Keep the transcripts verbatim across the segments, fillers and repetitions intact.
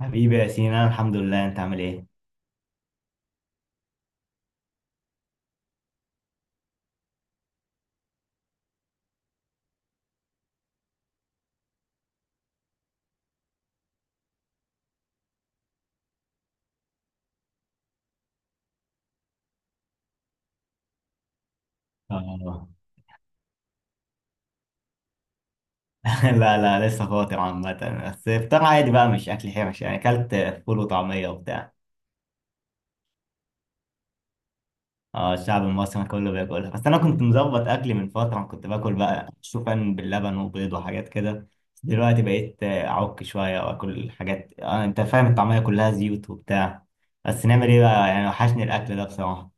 حبيبي يا سينا، أنا الحمد لله. انت عامل ايه؟ اه. لا لا، لسه فاطر عامة. بس فطار عادي بقى، مش اكل حرش، يعني اكلت فول وطعمية وبتاع. اه، الشعب المصري كله بياكلها. بس انا كنت مظبط اكلي من فترة، كنت باكل بقى شوفان باللبن وبيض وحاجات كده. بس دلوقتي بقيت آه، اعك شوية واكل حاجات، آه انت فاهم، الطعمية كلها زيوت وبتاع. بس نعمل ايه بقى يعني، وحشني الاكل ده بصراحة.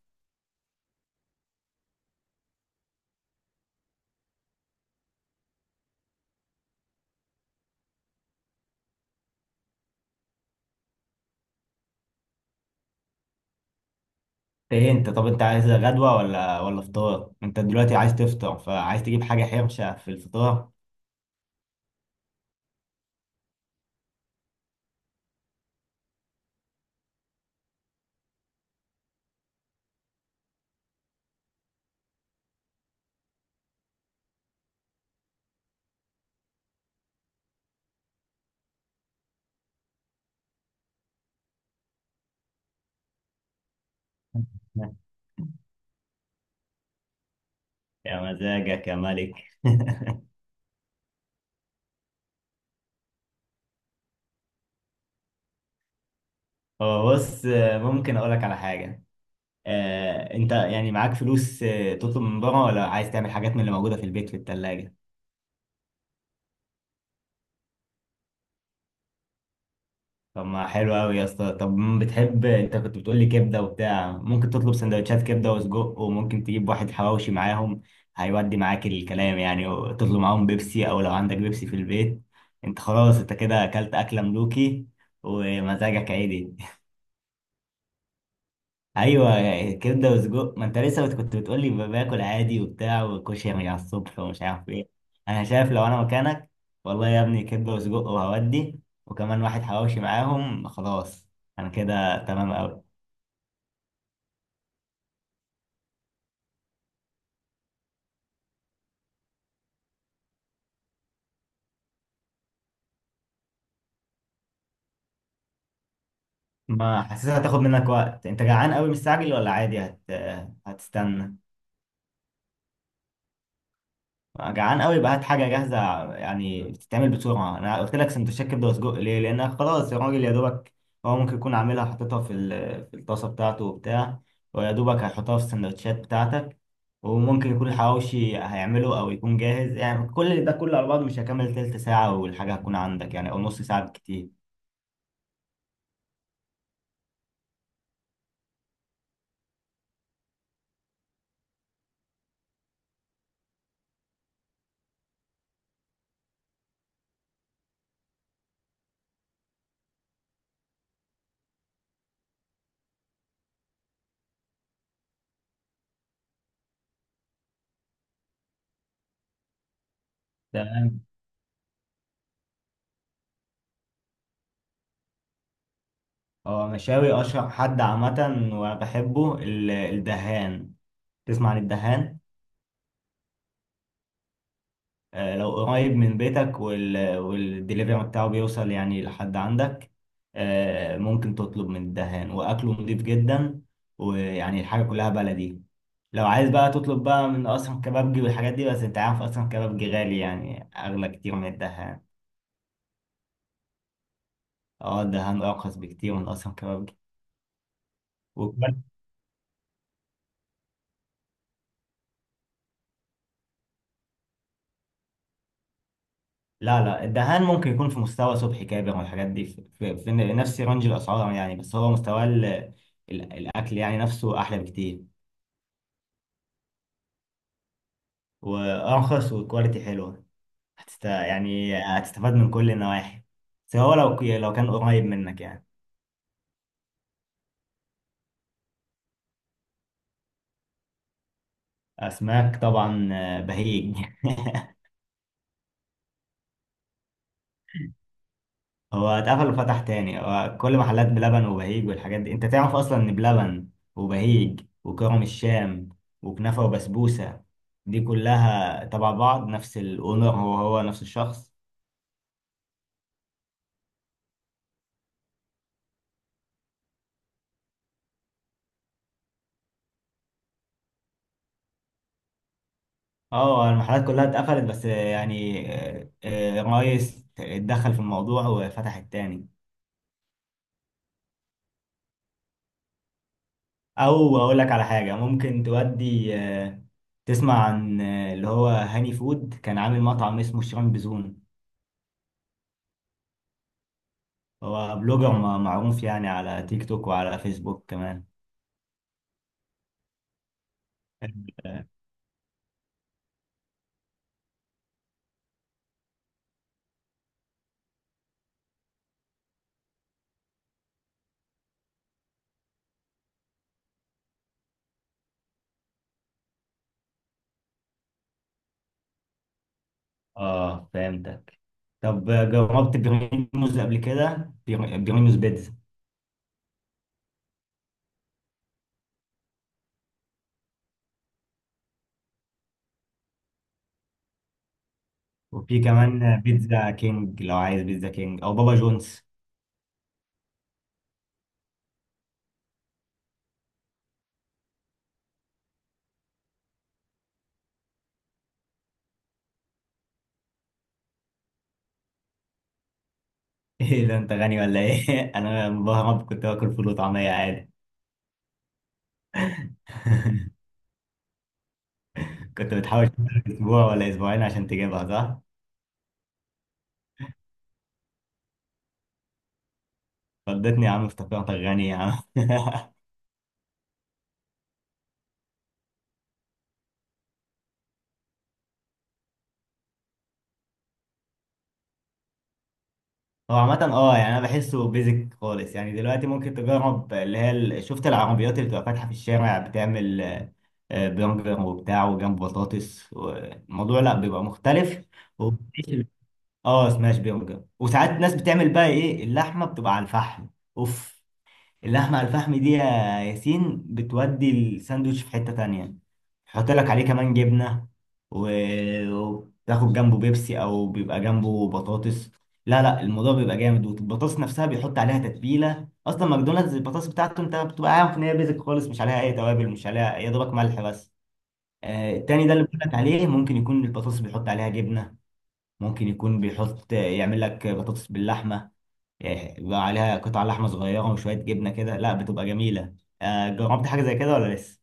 ايه، انت طب انت عايز غدوة ولا ولا فطار؟ انت دلوقتي عايز تفطر، فعايز تجيب حاجة حرشة في الفطار؟ يا مزاجك يا ملك. هو بص، آه، ممكن اقول لك على حاجه. آه، انت يعني معاك فلوس آه، تطلب من بره، ولا عايز تعمل حاجات من اللي موجوده في البيت في الثلاجه؟ طب ما حلو قوي يا اسطى. طب م- بتحب، انت كنت بتقول لي كبده وبتاع، ممكن تطلب سندوتشات كبده وسجق، وممكن تجيب واحد حواوشي معاهم، هيودي معاك الكلام يعني، وتطلب معاهم بيبسي، او لو عندك بيبسي في البيت. انت خلاص، انت كده اكلت اكله ملوكي ومزاجك عادي. ايوه، يعني كبده وسجق. ما انت لسه بت- كنت بتقول لي ب- باكل عادي وبتاع، وكشري على الصبح ومش عارف ايه. انا شايف لو انا مكانك، والله يا ابني، كبده وسجق وهودي، وكمان واحد حواوشي معاهم، خلاص. انا كده تمام قوي. ما حاسسها هتاخد منك وقت. انت جعان قوي مستعجل، ولا عادي هت... هتستنى؟ جعان قوي، يبقى هات حاجه جاهزه، يعني بتتعمل بسرعه. انا قلت لك سندوتشات كبده وسجق ليه؟ لان خلاص يا راجل، يا دوبك هو ممكن يكون عاملها حاططها في ال- في الطاسه بتاعته وبتاع، ويا دوبك هيحطها في السندوتشات بتاعتك. وممكن يكون الحواوشي هيعمله، او يكون جاهز. يعني كل ده كله على بعضه مش هيكمل تلت ساعه والحاجه هتكون عندك، يعني او نص ساعه بالكتير. تمام. هو مشاوي، اشهر حد عامه وبحبه ال- الدهان. تسمع عن الدهان؟ آه، لو قريب من بيتك وال... والدليفري بتاعه بيوصل يعني لحد عندك، آه، ممكن تطلب من الدهان. وأكله نضيف جدا، ويعني الحاجة كلها بلدي. لو عايز بقى تطلب بقى من أسرم كبابجي والحاجات دي، بس أنت عارف أسرم كبابجي غالي، يعني أغلى كتير من الدهان. اه، الدهان أرخص بكتير من أسرم كبابجي. وكمان، لا لا، الدهان ممكن يكون في مستوى صبحي كابر والحاجات دي، في, في, في نفس رينج الأسعار، يعني. بس هو مستوى ال... ال- الأكل يعني نفسه أحلى بكتير، وارخص، وكواليتي حلوه. هتست... يعني هتستفاد من كل النواحي، سواء لو لو كان قريب منك يعني. اسماك، طبعا آه، بهيج. هو اتقفل وفتح تاني. هو كل محلات بلبن وبهيج والحاجات دي، انت تعرف اصلا ان بلبن وبهيج وكرم الشام وكنافه وبسبوسه دي كلها تبع بعض، نفس الاونر، هو هو نفس الشخص. اه، المحلات كلها اتقفلت، بس يعني آه، آه، الرئيس اتدخل في الموضوع وفتح التاني. او اقول لك على حاجه ممكن تودي، آه، تسمع عن آه، اللي هو هاني فود؟ كان عامل مطعم اسمه شيران بزون. هو بلوجر مع- معروف يعني، على تيك توك وعلى فيسبوك كمان. اه، فهمتك. طب آه، جربت بريموز قبل كده؟ بر- بريموز بيتزا. وفي كمان آه، بيتزا كينج، لو عايز بيتزا كينج او بابا جونز. ايه ده، انت غني ولا ايه؟ انا مبهرب، كنت باكل فول وطعميه عادي. كنت بتحاول تشتغل اسبوع ولا اسبوعين عشان تجيبها، صح؟ فضتني يا عم، افتكرتك غني يا عم. هو عامة اه، يعني انا بحسه بيزك خالص يعني. دلوقتي ممكن تجرب، اللي هي ال- شفت العربيات اللي بتبقى فاتحة في الشارع؟ بتعمل آه، برجر وبتاع وجنب بطاطس. الموضوع لا، بيبقى مختلف. وبتعيش ال- اه، سماش برجر. وساعات الناس بتعمل بقى ايه، اللحمة بتبقى على الفحم. اوف، اللحمة على الفحم دي يا ياسين بتودي الساندوتش في حتة تانية. يحط لك عليه كمان جبنة، و- وتاخد جنبه بيبسي، أو بيبقى جنبه بطاطس. لا لا، الموضوع بيبقى جامد. والبطاطس نفسها بيحط عليها تتبيلة. أصلا ماكدونالدز البطاطس بتاعته، أنت بتبقى عارف إن هي بيزك خالص. مش عليها أي توابل، مش عليها يا دوبك ملح بس. آه، التاني ده اللي بقول لك عليه، ممكن يكون البطاطس بيحط عليها جبنة، ممكن يكون بيحط يعمل لك بطاطس باللحمة، إيه، بيبقى عليها قطع لحمه صغيره وشويه جبنه كده، لا بتبقى جميله. آه، جربت حاجه زي كده ولا لسه؟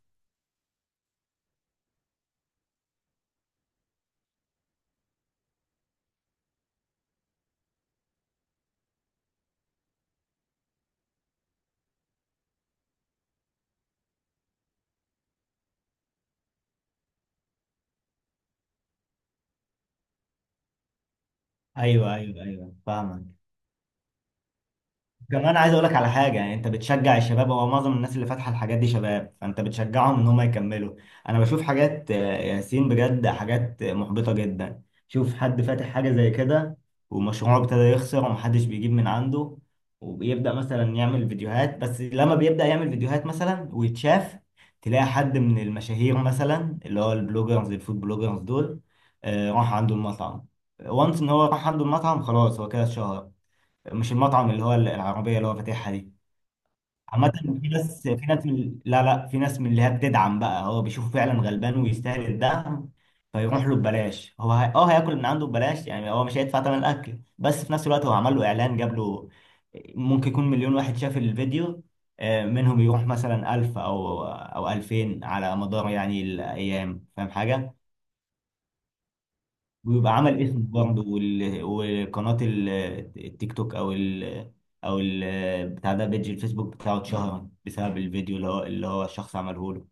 ايوه ايوه ايوه، فاهمك. كمان عايز اقول لك على حاجه، يعني انت بتشجع الشباب. هو معظم الناس اللي فاتحه الحاجات دي شباب، فانت بتشجعهم ان هم يكملوا. انا بشوف حاجات آه، ياسين، بجد حاجات محبطه جدا. شوف حد فاتح حاجه زي كده، ومشروعه ابتدى يخسر، ومحدش بيجيب من عنده، وبيبدا مثلا يعمل فيديوهات. بس لما بيبدا يعمل فيديوهات مثلا ويتشاف، تلاقي حد من المشاهير مثلا، اللي هو البلوجرز، الفود بلوجرز دول، آه، راح عنده المطعم. وانس ان هو راح عنده المطعم خلاص هو كده اتشهر، مش المطعم اللي هو العربية اللي هو فاتحها دي. عامة، في ناس في ناس من، لا لا، في ناس من اللي هي بتدعم بقى، هو بيشوفه فعلا غلبان ويستاهل الدعم، فيروح له ببلاش. هو هي... اه هياكل من عنده ببلاش. يعني هو مش هيدفع ثمن الاكل، بس في نفس الوقت هو عمل له اعلان، جاب له ممكن يكون مليون واحد شاف الفيديو، آه، منهم يروح مثلا ألف او او ألفين على مدار يعني الايام، فاهم حاجة؟ ويبقى عمل اسم برضه، وال- وقناة ال- التيك توك، او ال او ال بتاع ده، بيج الفيسبوك بتاعه اتشهر بسبب الفيديو اللي هو، اللي هو الشخص عمله له.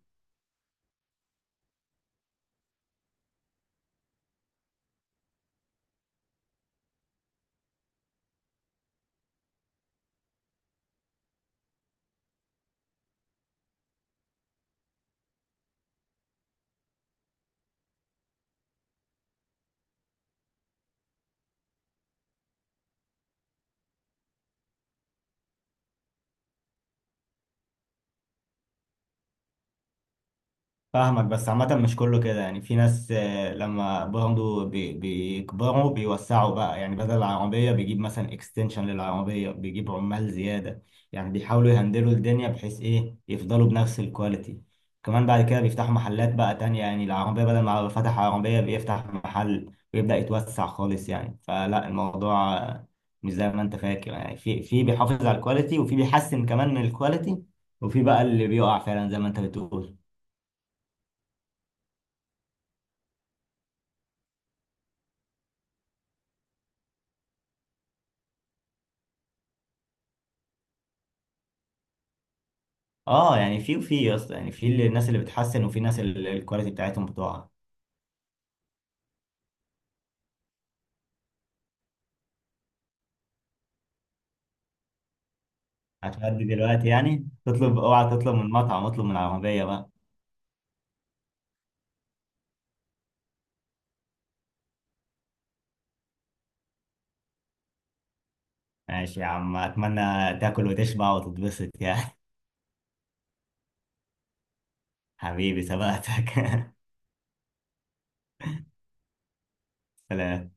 فاهمك. بس عامة مش كله كده يعني، في ناس آه، لما برضه بي- بيكبروا بيوسعوا بقى، يعني بدل العربية بيجيب مثلا اكستنشن للعربية، بيجيب عمال زيادة، يعني بيحاولوا يهندلوا الدنيا بحيث ايه، يفضلوا بنفس الكواليتي. كمان بعد كده بيفتحوا محلات بقى تانية، يعني العربية بدل ما فتح عربية بيفتح محل ويبدأ يتوسع خالص. يعني فلا، الموضوع آه، مش زي ما انت فاكر يعني. في في بيحافظ على الكواليتي، وفي بيحسن كمان من الكواليتي، وفي بقى اللي بيقع فعلا زي ما انت بتقول. اه، يعني في وفي يا اسطى. يعني في الناس اللي بتحسن، وفي ناس ال- الكواليتي بتاعتهم بتقع. هتغدي دلوقتي يعني، تطلب، اوعى تطلب من مطعم، اطلب من عربية بقى. ماشي يا عم، اتمنى تاكل وتشبع وتتبسط يعني. حبيبي سبقتك. سلام.